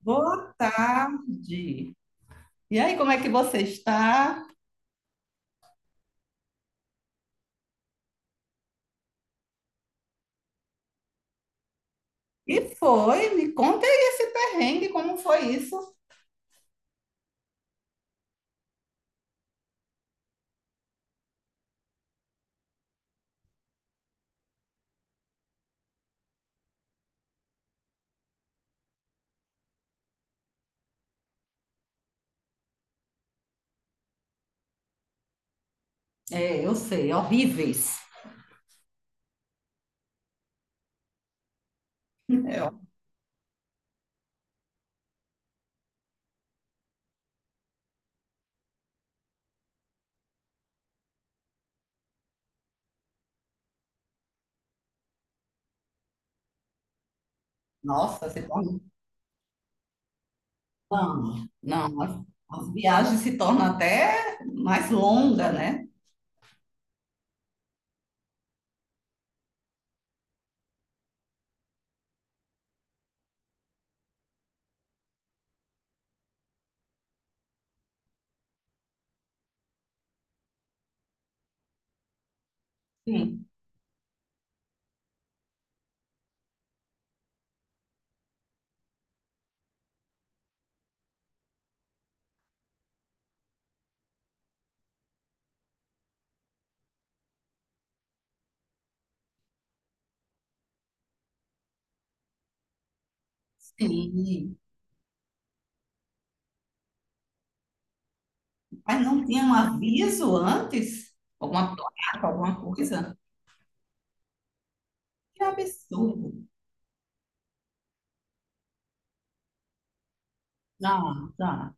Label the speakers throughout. Speaker 1: Boa tarde. E aí, como é que você está? E foi, me conta aí esse perrengue, como foi isso? É, eu sei, horríveis. É, ó, nossa, se torna... Não, não, as, as viagens se tornam até mais longa, né? Sim. Sim. Mas não tinha um aviso antes? Alguma placa, alguma coisa? Que absurdo. Não, não.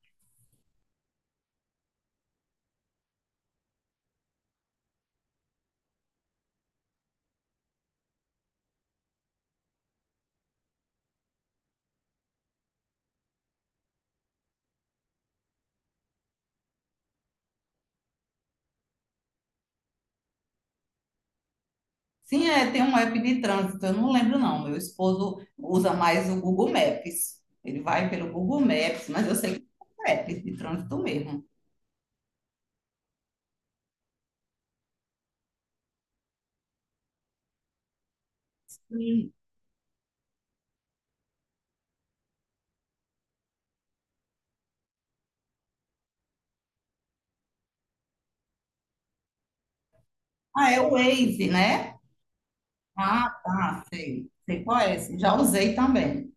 Speaker 1: Sim, é, tem um app de trânsito, eu não lembro não. Meu esposo usa mais o Google Maps. Ele vai pelo Google Maps, mas eu sei que é um app de trânsito mesmo. Sim. Ah, é o Waze, né? Ah, tá, sei. Sei qual é esse. Já usei também.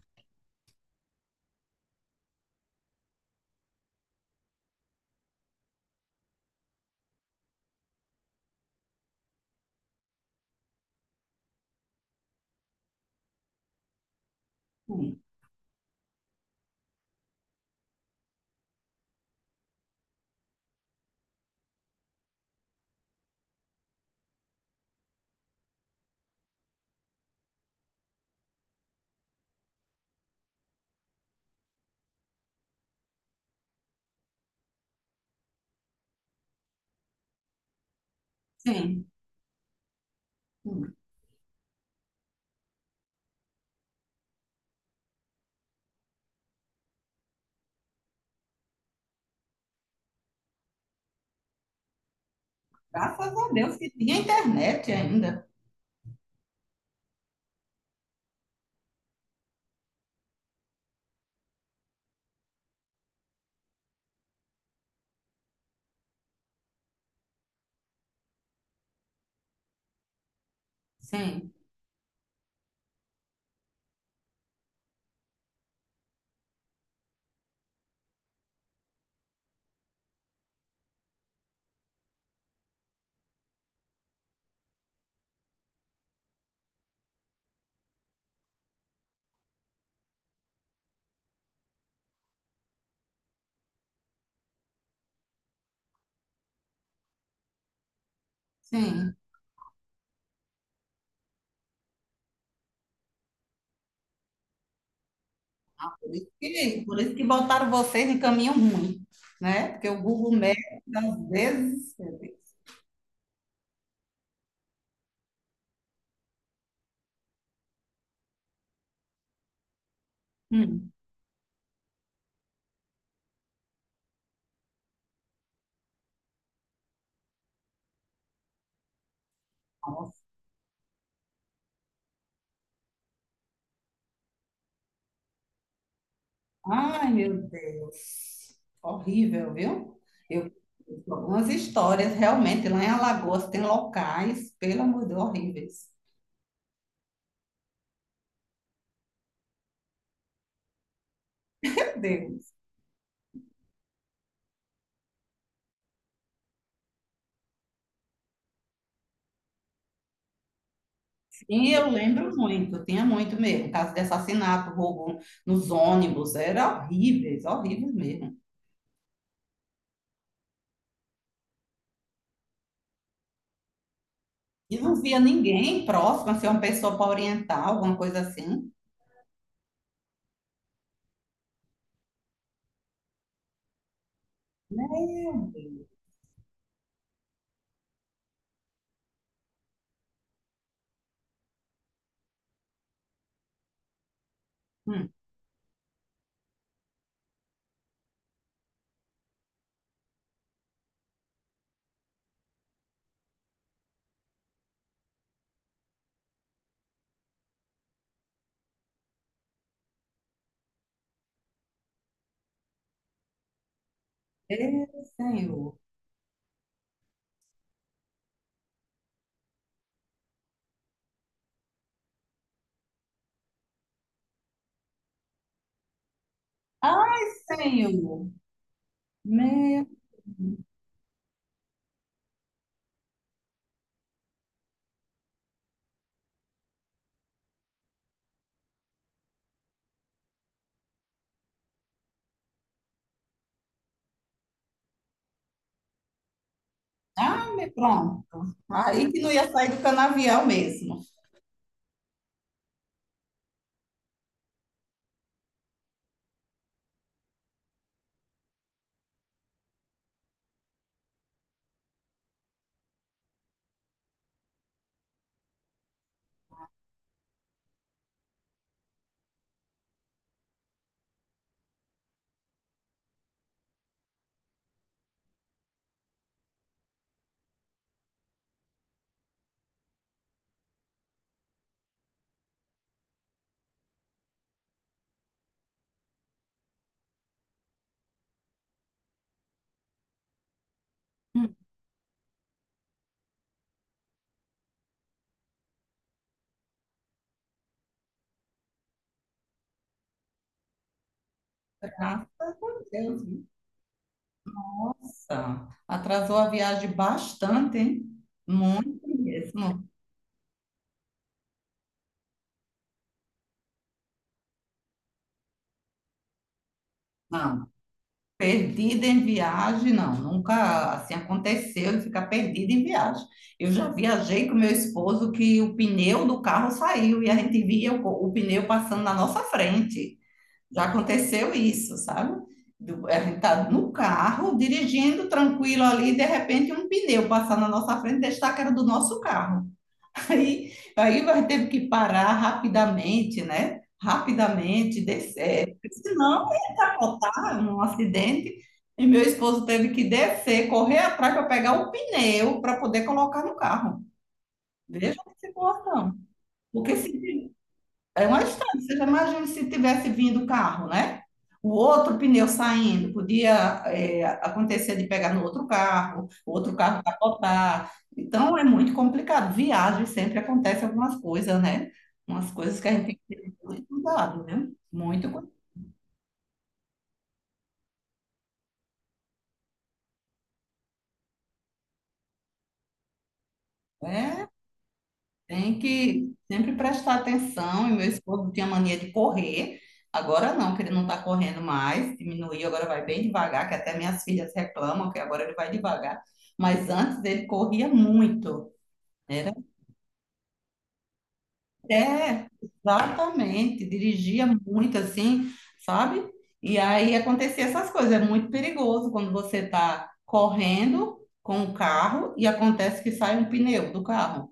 Speaker 1: Hum. Sim, hum. Graças a Deus que tinha internet ainda. Sim, sim. Por isso que botaram vocês em caminho ruim, né? Porque o Google Maps, às vezes, hum. Ai, meu Deus. Horrível, viu? Eu conheço algumas histórias, realmente, lá em Alagoas tem locais, pelo amor de Deus, horríveis. Meu Deus. E eu lembro muito, tinha muito mesmo, caso de assassinato, roubo nos ônibus, era horríveis, horríveis mesmo. E não via ninguém próximo, assim, uma pessoa para orientar, alguma coisa assim. Meu Deus. Hum. Ei, Senhor. Ai, Senhor. Meu... Ah, me- pronto. Aí que não ia sair do canavial mesmo. Graças a Deus. Nossa, atrasou a viagem bastante, hein? Muito mesmo. Não, perdida em viagem, não. Nunca assim aconteceu de ficar perdida em viagem. Eu já viajei com meu esposo que o pneu do carro saiu e a gente via o pneu passando na nossa frente. Já aconteceu isso, sabe? Do- a gente tá no carro, dirigindo tranquilo ali, de repente um pneu passar na nossa frente, destaca que era do nosso carro. Aí vai ter que parar rapidamente, né? Rapidamente, descer. Senão ia capotar num acidente. E meu esposo teve que descer, correr atrás para pegar o pneu para poder colocar no carro. Veja a situação. Porque se é uma estrada. Você já imagina se tivesse vindo o carro, né? O outro pneu saindo, podia acontecer de pegar no outro carro, o outro carro capotar. Então é muito complicado. Viagem sempre acontece algumas coisas, né? Umas coisas que a gente tem que ter muito cuidado, né? Muito cuidado. É, tem que sempre prestar atenção. E meu esposo tinha mania de correr. Agora não, que ele não está correndo mais, diminuiu, agora vai bem devagar, que até minhas filhas reclamam que agora ele vai devagar. Mas antes ele corria muito. Era é, exatamente, dirigia muito assim, sabe? E aí acontecia essas coisas. É muito perigoso quando você está correndo com o carro e acontece que sai um pneu do carro.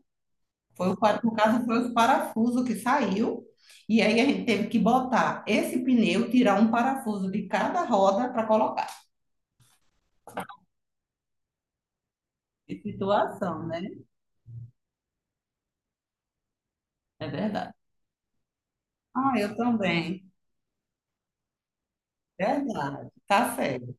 Speaker 1: Foi o, pa- no caso, foi o parafuso que saiu. E aí a gente teve que botar esse pneu, tirar um parafuso de cada roda para colocar. Que situação, né? É verdade. Ah, eu também. Verdade. Tá certo.